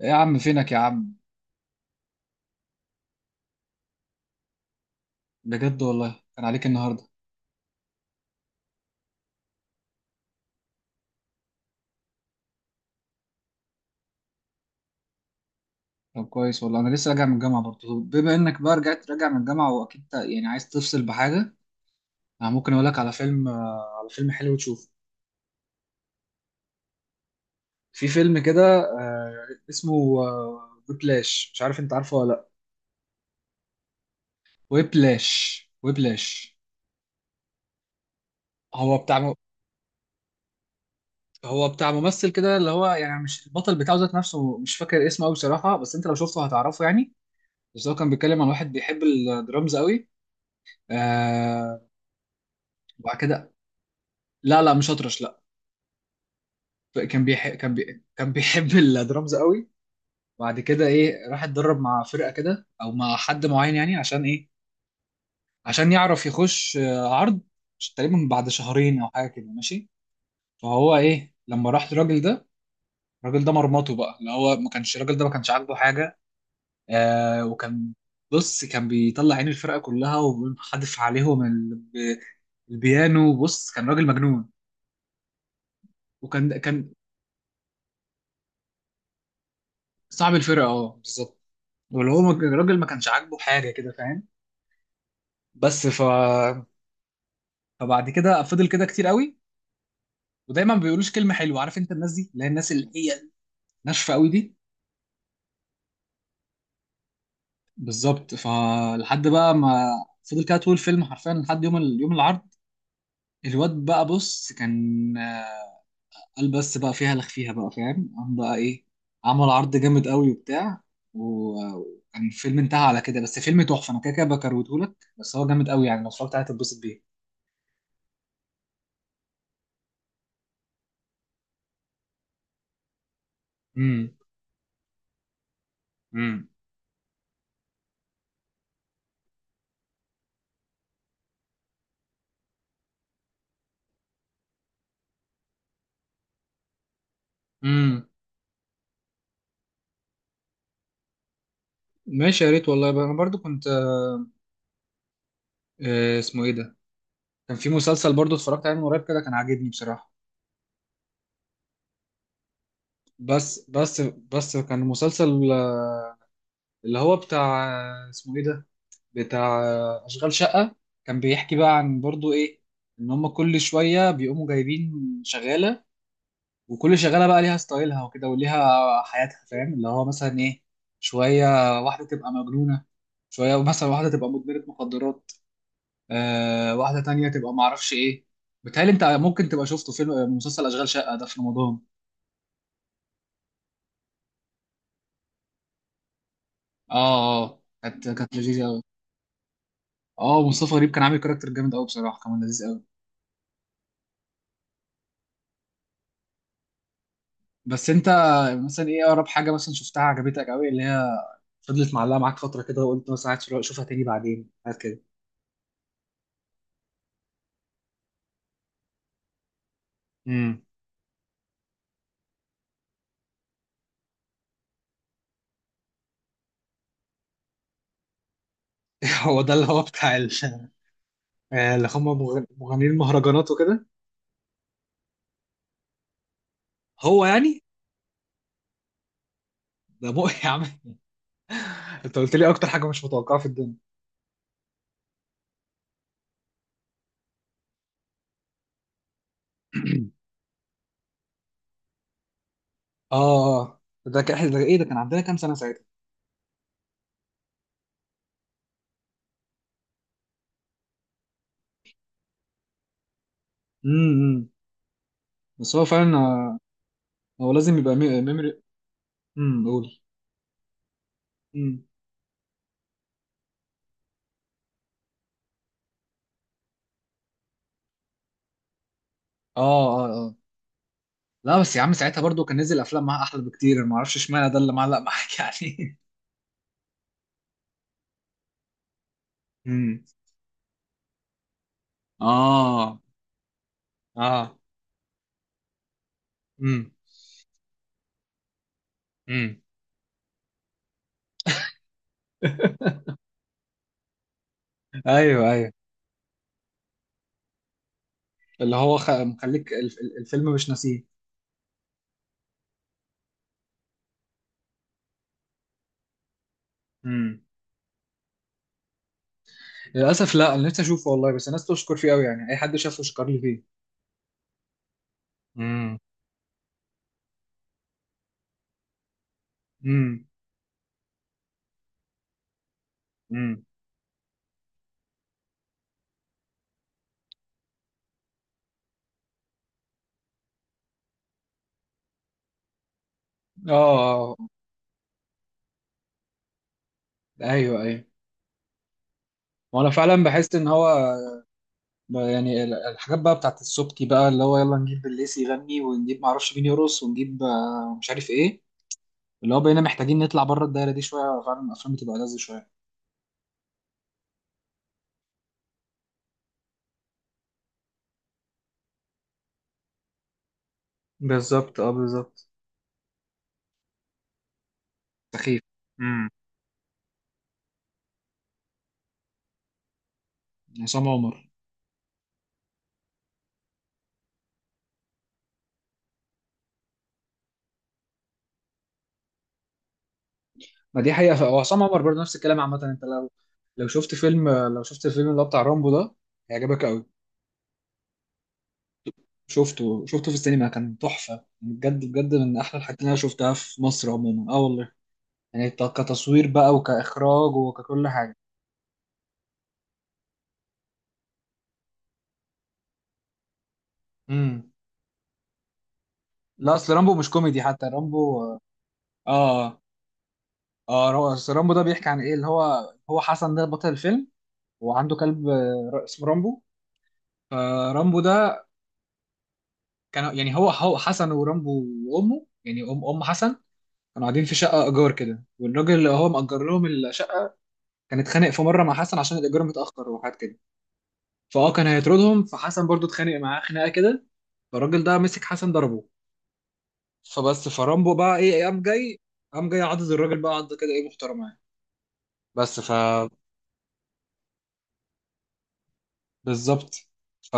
ايه يا عم؟ فينك يا عم؟ بجد والله كان عليك النهارده. طب كويس والله، انا لسه راجع من الجامعه برضه. طب بما انك بقى رجعت راجع من الجامعه، واكيد يعني عايز تفصل بحاجه. انا ممكن اقول لك على فيلم، على فيلم حلو تشوفه. في فيلم كده، اسمه، ويبلاش، مش عارف انت عارفه ولا لا. ويبلاش، ويبلاش. هو بتاع ممثل كده، اللي هو يعني مش البطل بتاعه ذات نفسه، مش فاكر اسمه قوي بصراحه، بس انت لو شفته هتعرفه يعني. بس هو كان بيتكلم عن واحد بيحب الدرامز قوي. آه. وبعد كده. لا لا مش اطرش، لا. كان بيحب الدرامز قوي. بعد كده ايه، راح اتدرب مع فرقه كده او مع حد معين يعني عشان ايه؟ عشان يعرف يخش عرض، تقريبا بعد شهرين او حاجه كده، ماشي. فهو ايه لما راح للراجل ده، الراجل ده مرمطه بقى، اللي هو ما كانش، الراجل ده ما كانش عاجبه حاجه. آه، وكان، بص كان بيطلع عين الفرقه كلها، وحدف عليهم البيانو، بص كان راجل مجنون. وكان صاحب الفرقه، اه بالظبط. واللي هو الراجل ما كانش عاجبه حاجه كده، فاهم؟ بس ف، فبعد كده فضل كده كتير قوي، ودايما ما بيقولوش كلمه حلوه، عارف انت الناس دي، اللي هي الناس اللي هي ناشفه قوي دي. بالظبط، فلحد بقى ما، فضل كده طول الفيلم حرفيا لحد يوم يوم العرض. الواد بقى، بص كان قال بس بقى فيها لخفيها بقى، فاهم؟ قام بقى ايه، عمل عرض جامد قوي وبتاع. وكان الفيلم انتهى على كده. بس فيلم تحفه، انا كده كده بكرهته لك. بس هو جامد قوي يعني، لو اتفرجت عليه هتتبسط بيه. امم. امم، ماشي يا ريت والله بقى. انا برضو كنت، اسمه ايه ده؟ كان في مسلسل برضو اتفرجت عليه من قريب كده، كان عاجبني بصراحة. بس كان مسلسل، اللي هو بتاع، اسمه ايه ده؟ بتاع اشغال شقة. كان بيحكي بقى عن برضو ايه، ان هم كل شوية بيقوموا جايبين شغالة، وكل شغالة بقى ليها ستايلها وكده، وليها حياتها، فاهم؟ اللي هو مثلا ايه، شوية واحدة تبقى مجنونة، شوية مثلا واحدة تبقى مدمنة مخدرات، آه واحدة تانية تبقى معرفش ايه. بتهيألي انت ممكن تبقى شفته فيلم، مسلسل اشغال شقة ده في رمضان. اه اه، كانت لذيذة قوي. اه مصطفى غريب كان عامل كاركتر جامد قوي بصراحة، كان لذيذ قوي. بس انت مثلا ايه اقرب حاجة مثلا شفتها عجبتك قوي، اللي هي فضلت معلقة معاك فترة كده، وقلت مثلا عايز اشوفها تاني بعدين، حاجات كده. امم. هو ده اللي هو بتاع اللي هم مغنيين المهرجانات وكده؟ هو يعني ده مو يا عم، انت قلت لي اكتر حاجة مش متوقعة في الدنيا. اه اه، ده كان احنا، ده ايه، ده كان عندنا كام سنه ساعتها؟ امم. بس هو فعلا هو لازم يبقى ميموري. امم، قول. امم. اه اه اه. لا بس يا عم، ساعتها برضو كان نزل افلام معاها احلى بكتير، أنا ما اعرفش اشمعنى ده اللي معلق معاك يعني. امم. اه اه. امم. امم. ايوه ايوه، اللي هو مخليك الفيلم مش ناسيه. امم. للاسف لا، انا نفسي اشوفه والله، بس الناس تشكر فيه قوي يعني، اي حد شافه شكر لي فيه. امم. امم. امم. اه. آه. ايوه ايوه. وانا فعلا بحس ان هو يعني الحاجات بقى بتاعت السبكي بقى، اللي هو يلا نجيب الليسي يغني، ونجيب معرفش مين يرقص، ونجيب مش عارف ايه. اللي هو بقينا محتاجين نطلع بره الدايره دي شويه، فعلا الافلام بتبقى لذة شويه. بالظبط، اه بالظبط. سخيف. امم. عصام عمر. ما دي حقيقه، وعصام عمر برضه نفس الكلام عامه. انت لو، لو شفت فيلم لو شفت الفيلم اللي هو بتاع رامبو ده، هيعجبك قوي. شفته في السينما، كان تحفه. يعني بجد بجد من احلى الحاجات اللي انا شفتها في مصر عموما، اه والله. يعني كتصوير بقى، وكإخراج، وككل حاجة. امم. لا أصل رامبو مش كوميدي حتى، رامبو. آه. آه، هو أصل رامبو ده بيحكي عن إيه، اللي هو حسن ده بطل الفيلم، وعنده كلب اسمه رامبو. فرامبو ده، كان يعني هو حسن ورامبو وأمه، يعني أم حسن، كانوا قاعدين في شقة إيجار كده، والراجل اللي هو مأجر لهم الشقة كان اتخانق في مرة مع حسن عشان الإيجار متأخر، وحاجات كده. فأه كان هيطردهم، فحسن برضو اتخانق معاه خناقة كده. فالراجل ده مسك حسن، ضربه. فبس، فرامبو بقى ايه، قام جاي عضد الراجل بقى، عض كده ايه محترمه يعني. بس ف، بالظبط. ف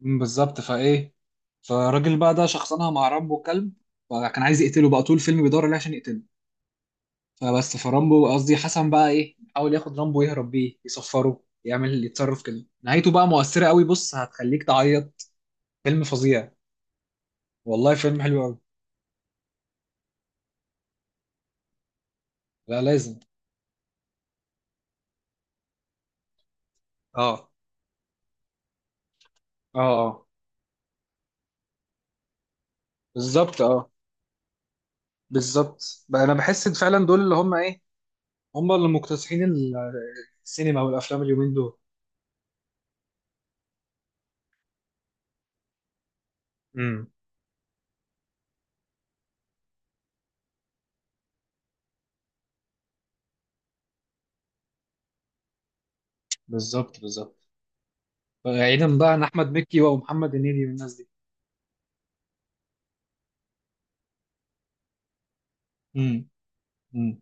بالظبط، فايه، فالراجل بقى ده شخصنها مع رامبو كلب. فكان عايز يقتله بقى، طول الفيلم بيدور عليه عشان يقتله. فبس، فرامبو قصدي حسن بقى ايه، حاول ياخد رامبو يهرب بيه، يصفره، يعمل، يتصرف كده. نهايته بقى مؤثرة قوي، بص هتخليك تعيط. فيلم فظيع، والله فيلم حلو قوي. لا لازم. اه اه اه. بالظبط، اه بالظبط بقى، انا بحس إن فعلا دول اللي هم ايه، هم اللي مكتسحين السينما والافلام اليومين دول. امم. بالظبط، بالظبط، بعيدا بقى عن احمد مكي ومحمد هنيدي والناس دي. امم. امم.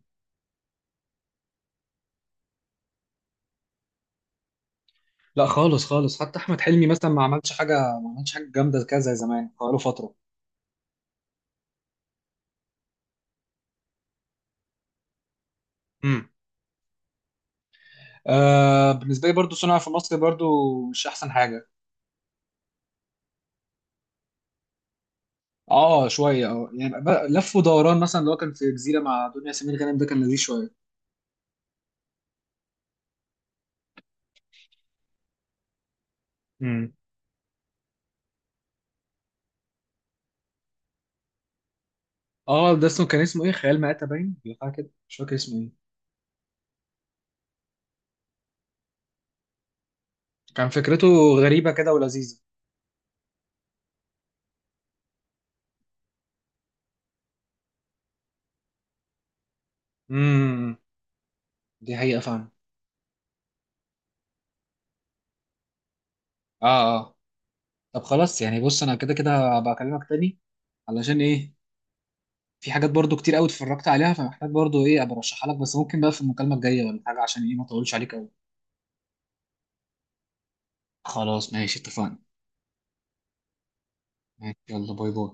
لا خالص خالص، حتى احمد حلمي مثلا ما عملش حاجه، ما عملش حاجه جامده كده زي زمان بقاله فتره. امم. آه بالنسبه لي برضو صنع في مصر برضو مش احسن حاجه. اه شويه، اه يعني بقى لف ودوران مثلا اللي هو كان في جزيره مع دنيا سمير غانم ده كان لذيذ شويه. امم. اه، ده اسمه، كان اسمه ايه، خيال مآتة باين، حاجه كده مش فاكر اسمه ايه. كان فكرته غريبه كده ولذيذه. امم. دي حقيقة فعلا. اه اه. طب خلاص يعني، بص انا كده كده هبقى اكلمك تاني، علشان ايه، في حاجات برضو كتير قوي اتفرجت عليها، فمحتاج برضو ايه ابقى ارشحها لك، بس ممكن بقى في المكالمة الجاية ولا حاجة، عشان ايه ما اطولش عليك قوي. خلاص ماشي، اتفقنا. ماشي، يلا باي باي.